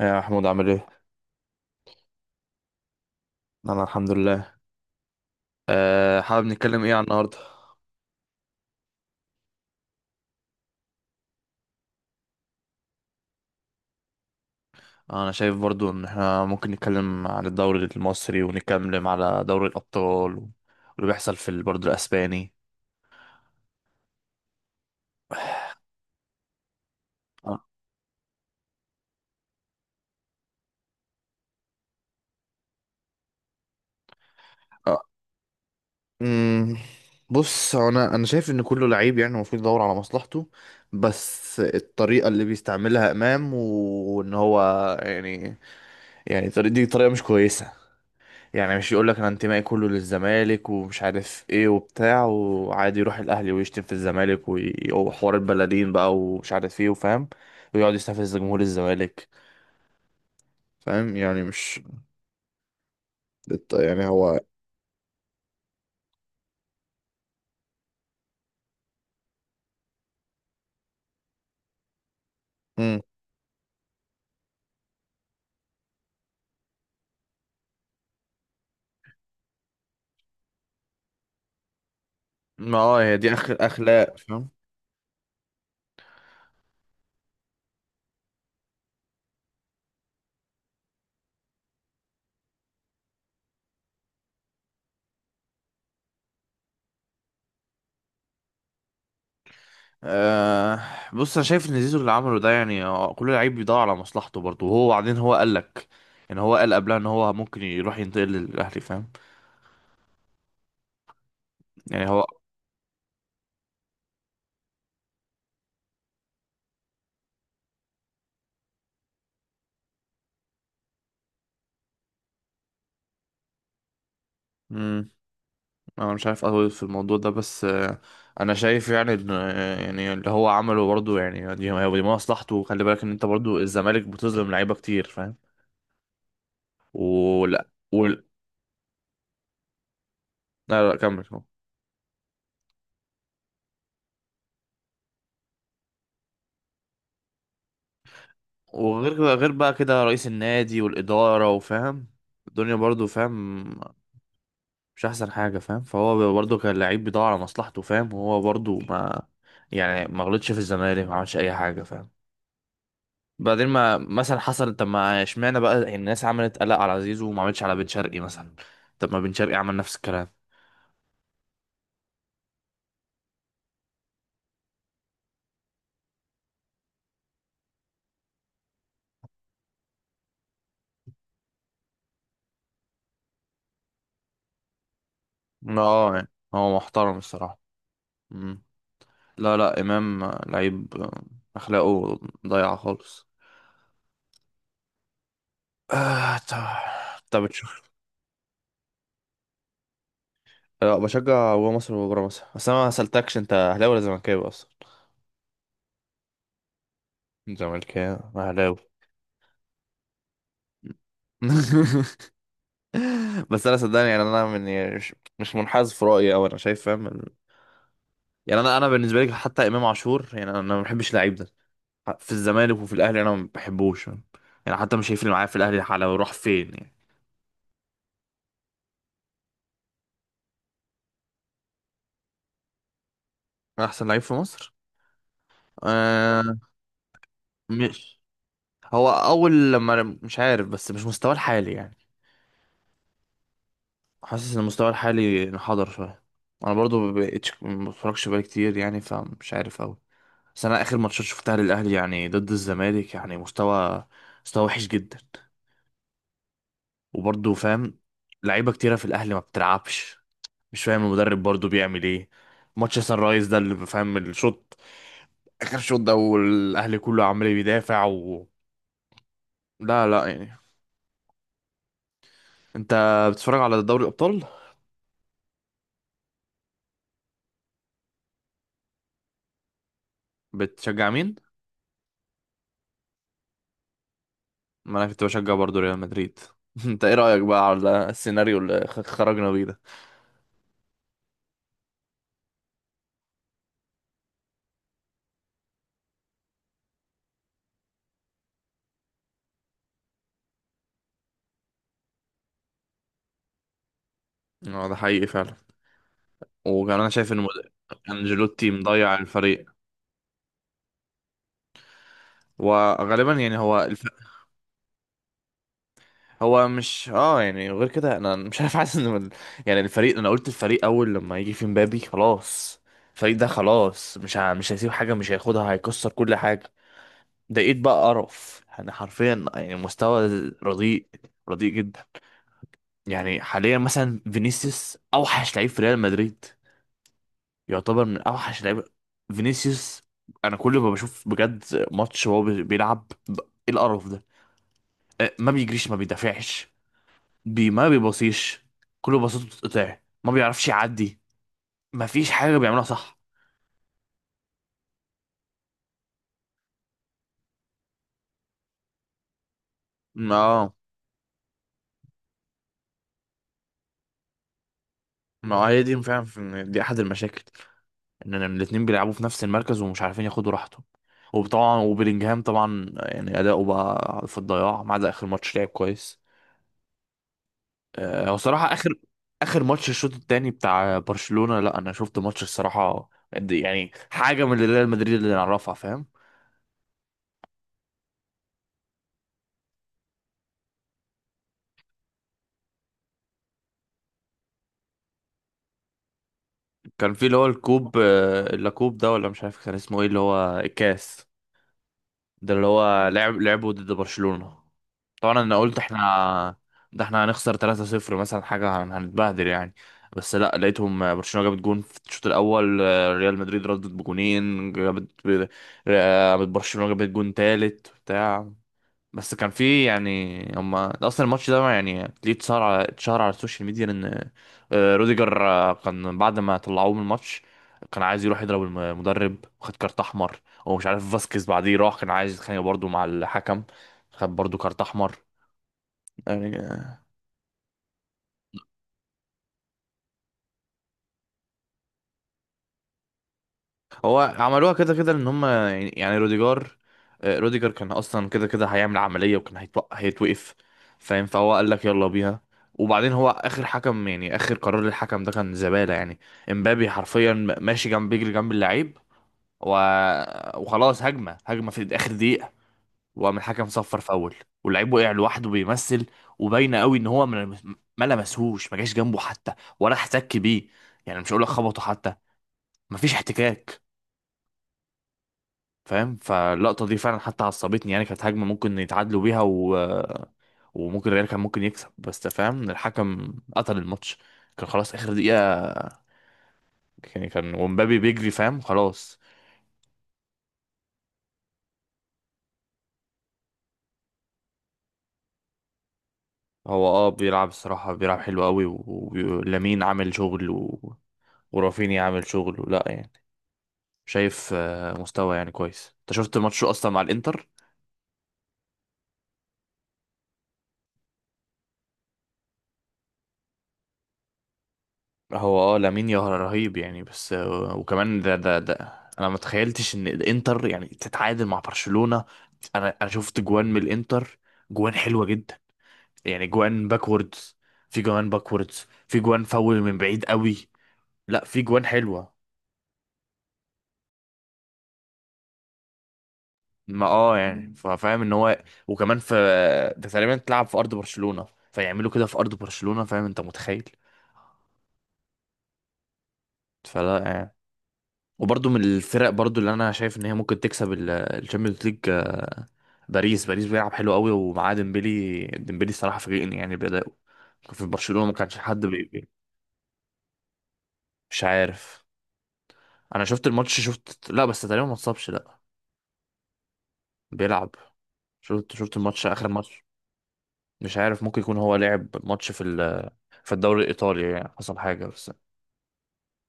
يا محمود عامل ايه؟ انا الحمد لله. حابب نتكلم ايه عن النهارده؟ انا شايف برضو ان احنا ممكن نتكلم عن الدوري المصري ونتكلم على دوري الابطال، واللي بيحصل في برضو الاسباني. آه. آه. أمم، بص، هو انا شايف ان كله لعيب، يعني المفروض يدور على مصلحته، بس الطريقه اللي بيستعملها امام، وان هو يعني دي طريقه مش كويسه. يعني مش يقول لك انا انتمائي كله للزمالك ومش عارف ايه وبتاع، وعادي يروح الاهلي ويشتم في الزمالك وحوار البلدين بقى ومش عارف ايه وفاهم، ويقعد يستفز جمهور الزمالك، فاهم؟ يعني مش الت- يعني هو مم. ما هي دي اخر اخلاق، فاهم؟ آه. بص، انا شايف ان زيزو اللي عمله ده، يعني كل لعيب بيدور على مصلحته برضه، وهو بعدين هو قال لك، يعني هو قال قبلها ان هو ممكن يروح ينتقل للاهلي، فاهم؟ يعني هو انا مش عارف اطول في الموضوع ده، بس انا شايف يعني يعني اللي هو عمله برضه، يعني دي هو دي مصلحته. وخلي بالك ان انت برضه الزمالك بتظلم لعيبه كتير، فاهم؟ ولا لا لا، كمل كمل. غير بقى كده رئيس النادي والاداره وفاهم الدنيا برضه، فاهم؟ مش احسن حاجه، فاهم؟ فهو برضه كان لعيب بيدور على مصلحته، فاهم؟ وهو برضه ما يعني ما غلطش في الزمالك، ما عملش اي حاجه، فاهم؟ بعدين ما مثلا حصل، طب ما اشمعنى بقى يعني الناس عملت قلق على زيزو وما عملتش على بن شرقي مثلا؟ طب ما بن شرقي عمل نفس الكلام. اه يعني هو محترم الصراحة. مم. لا لا، إمام لعيب، أخلاقه ضايعة خالص. آه، طب، تشوف. لا، بشجع جوه مصر وبره مصر، بس أنا ما سألتكش، أنت أهلاوي ولا زملكاوي أصلا؟ زملكاوي أهلاوي. بس أنا صدقني يعني، أنا من يعني مش منحاز في رأيي أو أنا شايف، فاهم؟ يعني انا بالنسبه لي، حتى امام عاشور، يعني انا ما بحبش اللعيب ده، في الزمالك وفي الاهلي انا ما بحبوش. يعني حتى مش هيفرق معايا في الاهلي على راح فين يعني. احسن لعيب في مصر؟ آه. مش، هو اول لما مش عارف، بس مش مستواه الحالي يعني. حاسس ان مستواه الحالي انحدر شويه. انا برضو ما بقتش ما بتفرجش بقالي كتير يعني، فمش عارف قوي. بس انا اخر ماتشات شفتها للاهلي يعني ضد الزمالك، يعني مستوى وحش جدا. وبرضو فاهم، لعيبه كتيره في الاهلي ما بتلعبش. مش فاهم المدرب برضو بيعمل ايه. ماتش سان رايز ده اللي فاهم الشوط، اخر شوط ده، والاهلي كله عمال بيدافع و... لا لا، يعني انت بتتفرج على دوري الابطال، بتشجع مين؟ ما انا كنت بشجع برضو ريال مدريد. انت ايه رايك بقى على السيناريو اللي خرجنا بيه ده؟ اه، ده حقيقي فعلا. وكمان انا شايف ان انجيلوتي مضيع الفريق، وغالبا يعني هو مش يعني، غير كده انا مش عارف، حاسس ان يعني الفريق، انا قلت الفريق اول لما يجي في مبابي خلاص، الفريق ده خلاص مش مش هيسيب حاجه، مش هياخدها هيكسر كل حاجه. لقيت بقى قرف يعني، حرفيا يعني، مستوى رديء، رديء جدا. يعني حاليا مثلا فينيسيوس اوحش لعيب في ريال مدريد، يعتبر من اوحش لعيب، فينيسيوس. انا كل ما بشوف بجد ماتش وهو بيلعب ايه القرف ده، ما بيجريش، ما بيدافعش، ما بيبصيش، كل بساطته بتتقطع، ما بيعرفش يعدي، ما فيش حاجة بيعملها صح. ما آه، ما هي دي فعلا، دي احد المشاكل، ان إن الاتنين بيلعبوا في نفس المركز ومش عارفين ياخدوا راحتهم. وطبعا، وبيلينجهام طبعا يعني اداؤه بقى في الضياع، ما عدا اخر ماتش لعب كويس. هو صراحة اخر ماتش الشوط التاني بتاع برشلونة، لا انا شفت ماتش الصراحة يعني حاجة من اللي ريال مدريد اللي نعرفها، فاهم؟ كان في اللي هو الكوب، اللاكوب ده ولا مش عارف كان اسمه ايه، اللي هو الكاس، ده اللي هو لعب لعبه ضد برشلونة. طبعا انا قلت احنا، ده احنا هنخسر 3-0 مثلا حاجة، هنتبهدل يعني، بس لا لقيتهم برشلونة جابت جون في الشوط الاول، ريال مدريد ردت بجونين، جابت برشلونة جابت جون تالت بتاع. بس كان في يعني، هما اصلا الماتش ده يعني ليه اتشهر على السوشيال ميديا ان روديجر، كان بعد ما طلعوه من الماتش كان عايز يروح يضرب المدرب وخد كارت احمر. ومش عارف فاسكيز بعديه راح كان عايز يتخانق برضه مع الحكم، خد برضه كارت احمر يعني. هو عملوها كده كده ان هم يعني، يعني روديجار آه، روديجر كان اصلا كده كده هيعمل عملية، وكان هيتوقف، فاهم؟ فهو قال لك يلا بيها. وبعدين هو اخر حكم، يعني اخر قرار للحكم ده كان زبالة يعني. امبابي حرفيا ماشي جنب بيجري جنب اللعيب و... وخلاص هجمة، هجمة في اخر دقيقة، وقام الحكم صفر فاول، واللعيب وقع لوحده بيمثل، وباينه قوي ان هو ما لمسهوش، ما جاش جنبه حتى، ولا احتك بيه، يعني مش هقول لك خبطه حتى، مفيش احتكاك، فاهم؟ فاللقطة دي فعلا حتى عصبتني يعني، كانت هجمة ممكن يتعادلوا بيها و... وممكن الريال كان ممكن يكسب، بس أنت فاهم الحكم قتل الماتش، كان خلاص آخر دقيقة يعني، كان ومبابي بيجري فاهم، خلاص. هو اه بيلعب الصراحة، بيلعب حلو قوي، ولامين عامل شغل و... ورافينيا عامل شغل ولا يعني، شايف مستوى يعني كويس. انت شفت ماتشه اصلا مع الانتر؟ هو اه لامين يا رهيب يعني، بس وكمان ده انا ما تخيلتش ان الانتر يعني تتعادل مع برشلونة. انا شفت جوان من الانتر، جوان حلوة جدا، يعني جوان باكوردز، في جوان باكوردز، في جوان فاول من بعيد قوي. لا في جوان حلوة. ما يعني فاهم ان هو، وكمان في ده، تقريبا تلعب في ارض برشلونة، فيعملوا كده في ارض برشلونة، فاهم انت متخيل؟ فلا يعني. وبرضه من الفرق برضه اللي انا شايف ان هي ممكن تكسب الشامبيونز ليج، باريس بيلعب حلو قوي، ومعاه ديمبلي، الصراحه فاجئني يعني بأدائه. كان في برشلونه ما كانش حد مش عارف. انا شفت الماتش، شفت لا، بس تقريبا ما اتصابش، لا، بيلعب. شفت الماتش، اخر ماتش. مش عارف، ممكن يكون هو لعب ماتش في في الدوري الايطالي يعني، حصل حاجه، بس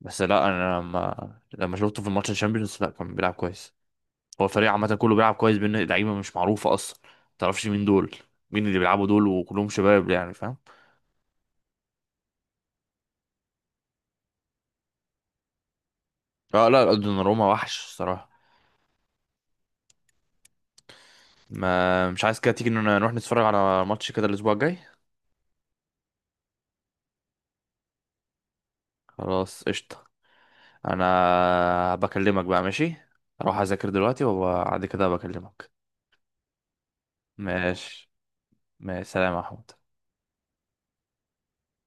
بس لا انا لما شفته في الماتش الشامبيونز، لا كان بيلعب كويس. هو الفريق عامه كله بيلعب كويس، بين لعيبه مش معروفه اصلا، ما تعرفش مين دول، مين اللي بيلعبوا دول، وكلهم شباب يعني، فاهم؟ اه لا لا، دوناروما وحش الصراحه. ما مش عايز كده تيجي إن نروح نتفرج على ماتش كده الاسبوع الجاي؟ خلاص، قشطة. انا بكلمك بقى، ماشي؟ اروح اذاكر دلوقتي وبعد كده بكلمك. ماشي، ماشي، سلام يا احمد.